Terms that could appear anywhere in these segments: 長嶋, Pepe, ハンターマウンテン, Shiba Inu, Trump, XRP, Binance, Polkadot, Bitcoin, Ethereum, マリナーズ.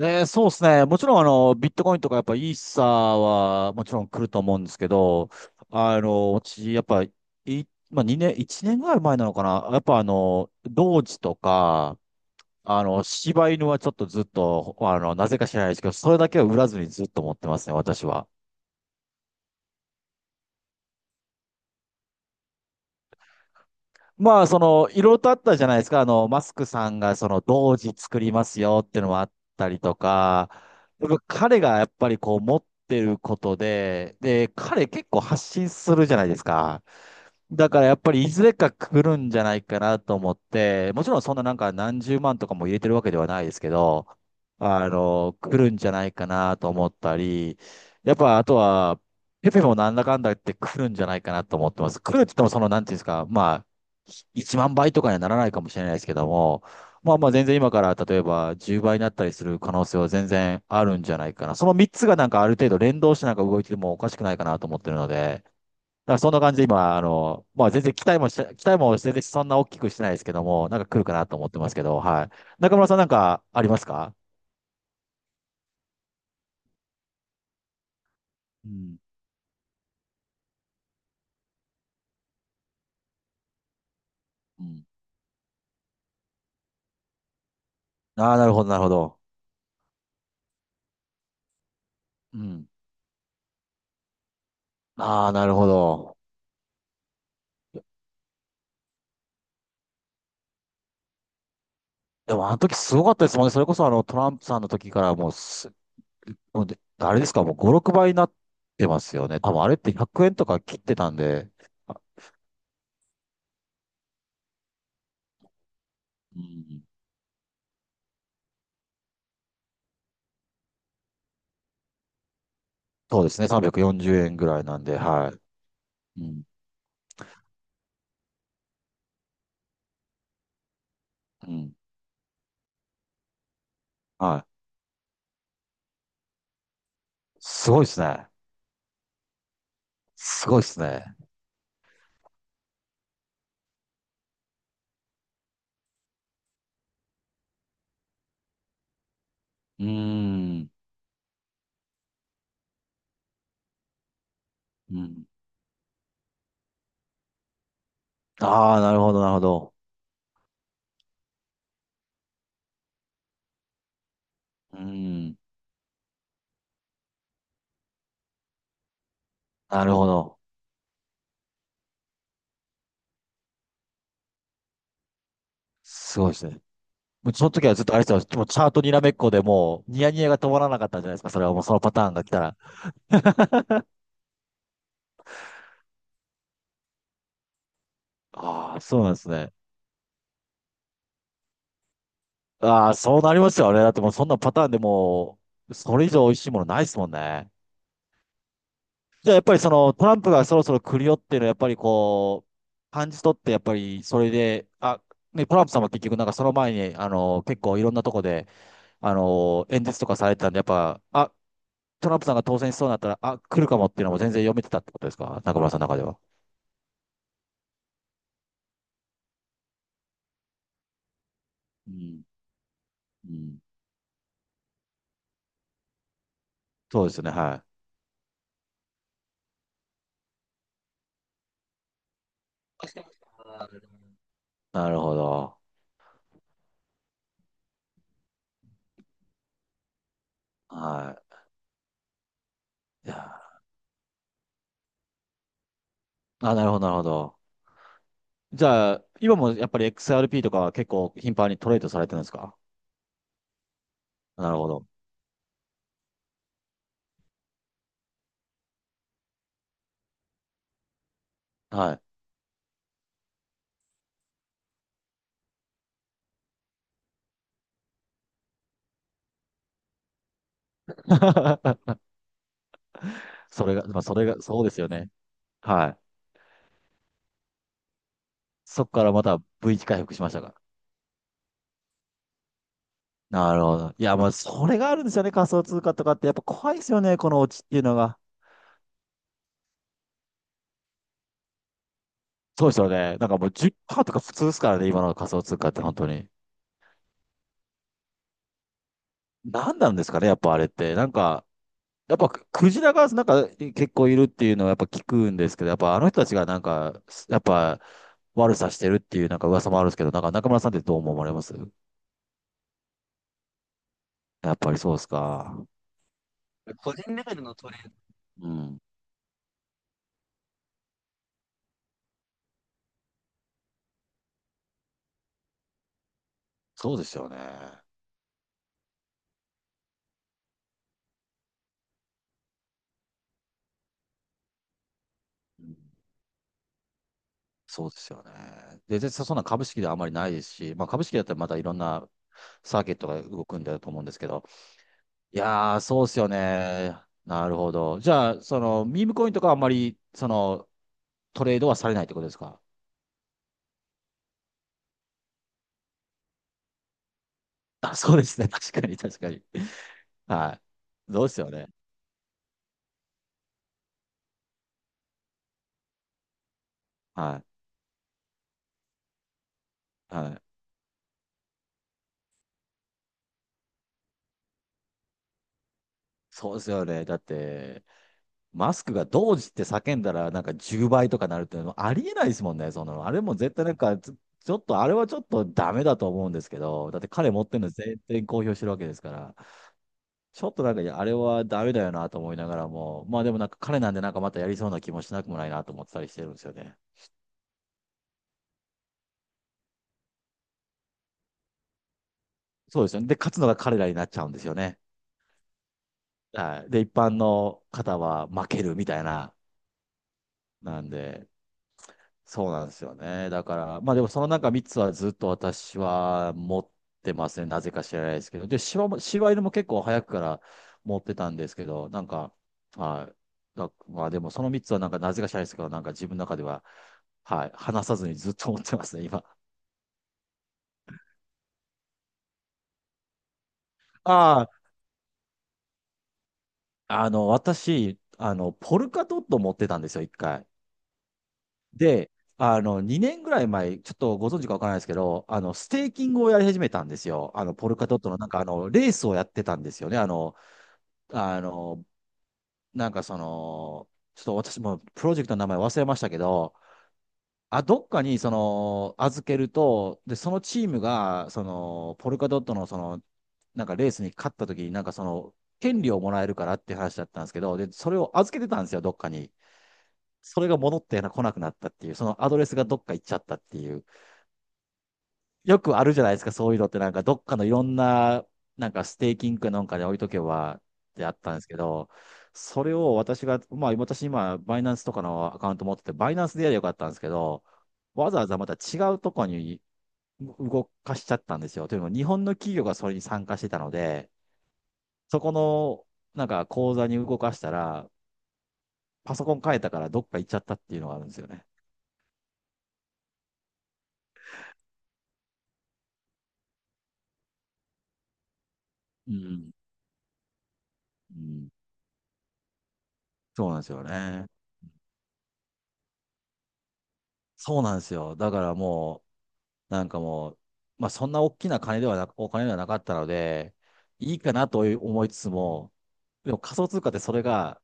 そうですね。もちろん、ビットコインとか、やっぱ、イーサーは、もちろん来ると思うんですけど、あの、私、やっぱ、い、まあ、2年、1年ぐらい前なのかな。やっぱ、あの、同時とか、柴犬はちょっとずっと、なぜか知らないですけど、それだけは売らずにずっと持ってますね、私は。まあ、その、いろいろとあったじゃないですか。マスクさんが、その、同時作りますよっていうのもあったりとか、やっぱ彼がやっぱりこう持ってることで、で、彼結構発信するじゃないですか。だからやっぱりいずれか来るんじゃないかなと思って、もちろんそんななんか何十万とかも入れてるわけではないですけど、来るんじゃないかなと思ったり、やっぱあとは、ペペもなんだかんだ言って来るんじゃないかなと思ってます。来るって言ってもその、なんていうんですか、まあ、1万倍とかにはならないかもしれないですけども、まあまあ全然今から例えば10倍になったりする可能性は全然あるんじゃないかな。その3つがなんかある程度連動してなんか動いてもおかしくないかなと思ってるので、だからそんな感じで今、まあ全然期待もし期待も全然そんな大きくしてないですけども、なんか来るかなと思ってますけど、はい。中村さんなんかありますか？うん。うん。ああ、なるほど、なるほど。うん。ああ、なるほど。でもあの時すごかったですもんね。それこそあのトランプさんの時からもうであれですか、もう5、6倍になってますよね。多分あれって100円とか切ってたんで、あうん、そうですね、340円ぐらいなんで、はい。うん、うん、はい。すごいですね。すごいですね。うーん。うん。ああ、なるほど、なるほど。うーん。なるほど。すごいですね。もうその時はずっとあれですよ。もうチャートにらめっこでもう、ニヤニヤが止まらなかったんじゃないですか。それはもうそのパターンが来たら。ああ、そうなんですね。ああ、そうなりますよね。だってもうそんなパターンでもう、それ以上美味しいものないですもんね。じゃあやっぱりそのトランプがそろそろ来るよっていうのはやっぱりこう、感じ取ってやっぱりそれで、あ、ね、トランプさんは結局なんかその前に、結構いろんなとこで、あのー演説とかされてたんで、やっぱ、あ、トランプさんが当選しそうになったら、あ、来るかもっていうのも全然読めてたってことですか中村さんの中では。うん。うん。そうですよね、はい。なるほど。はい。いやー、あ、なるほど、なるほど。じゃあ、今もやっぱり XRP とかは結構頻繁にトレードされてるんですか？なるほど。はい。それが、まあ、それが、そうですよね。はい。そこからまた V 字回復しましたか？なるほど。いや、もうそれがあるんですよね、仮想通貨とかって。やっぱ怖いですよね、このオチっていうのが。そうですよね。なんかもう10%とか普通ですからね、今の仮想通貨って本当に。何なんですかね、やっぱあれって。なんか、やっぱクジラがなんか結構いるっていうのはやっぱ聞くんですけど、やっぱあの人たちがなんか、やっぱ悪さしてるっていうなんか噂もあるんですけど、なんか中村さんってどう思われます？やっぱりそうですか。うん。そうですよね。うんそうですよね。で、そんな株式ではあまりないですし、まあ、株式だったらまたいろんなサーキットが動くんだと思うんですけど、いやー、そうですよね。なるほど。じゃあ、その、ミームコインとかはあんまり、その、トレードはされないってことですか？ あ、そうですね。確かに、確かに。はい。そうですよね。はい。はい。そうですよね。だって、マスクがどうって叫んだら、なんか10倍とかなるっていうのはありえないですもんね、その、あれも絶対なんか、ちょっと、あれはちょっとダメだと思うんですけど、だって彼持ってるの全然公表してるわけですから、ちょっとなんか、いやあれはダメだよなと思いながらも、まあでもなんか彼なんでなんかまたやりそうな気もしなくもないなと思ってたりしてるんですよね。そうですよね。で、勝つのが彼らになっちゃうんですよね。はい。で、一般の方は負けるみたいな、なんで、そうなんですよね。だから、まあでもその中3つはずっと私は持ってますね。なぜか知らないですけど。で、柴犬も結構早くから持ってたんですけど、なんか、はい。だまあでもその3つはなんかなぜか知らないですけど、なんか自分の中では、はい。離さずにずっと持ってますね、今。ああ、私、ポルカドット持ってたんですよ、一回。で、2年ぐらい前、ちょっとご存知かわからないですけど、ステーキングをやり始めたんですよ。あの、ポルカドットのなんかあの、レースをやってたんですよね。あの、なんかその、ちょっと私もプロジェクトの名前忘れましたけど、あ、どっかにその、預けると、で、そのチームが、その、ポルカドットのその、なんかレースに勝った時になんかその、権利をもらえるからっていう話だったんですけど、で、それを預けてたんですよ、どっかに。それが戻ってな来なくなったっていう、そのアドレスがどっか行っちゃったっていう。よくあるじゃないですか、そういうのってなんか、どっかのいろんな、なんかステーキングかなんかで置いとけばってあったんですけど、それを私が、まあ私今、バイナンスとかのアカウント持ってて、バイナンスでやればよかったんですけど、わざわざまた違うとこに動かしちゃったんですよ。というのも、日本の企業がそれに参加してたので、そこの、なんか口座に動かしたら、パソコン変えたからどっか行っちゃったっていうのがあるんですよね。うん。うん、そうなんですよね。そうなんですよ。だからもう、なんかもう、まあそんな大きな金ではな、お金ではなかったので、いいかなと思いつつも、でも仮想通貨ってそれが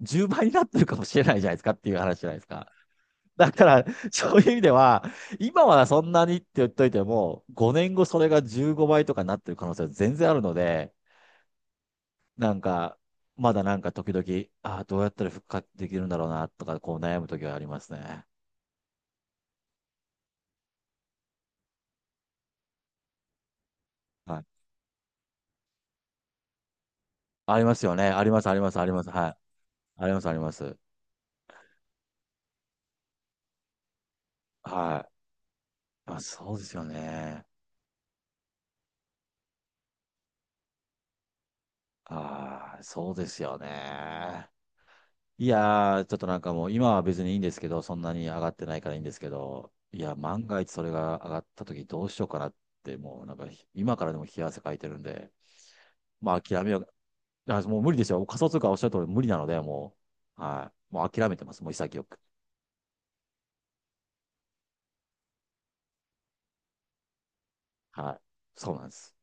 10倍になってるかもしれないじゃないですかっていう話じゃないですか。だから、そういう意味では、今はそんなにって言っといても、5年後それが15倍とかになってる可能性は全然あるので、なんか、まだなんか時々、ああ、どうやったら復活できるんだろうなとか、こう悩む時はありますね。はい。ありますよね。あります、あります、あります。はい。あります、あります。はい。あ、そうですよね。ああ、そうですよね。いやー、ちょっとなんかもう今は別にいいんですけど、そんなに上がってないからいいんですけど、いや、万が一それが上がった時どうしようかなって、もうなんか今からでも冷や汗かいてるんで、まあ諦めよう。あ、もう無理ですよ。仮想通貨おっしゃる通り無理なので、もう、はい。もう諦めてます。もう潔く。はい。そうなんです。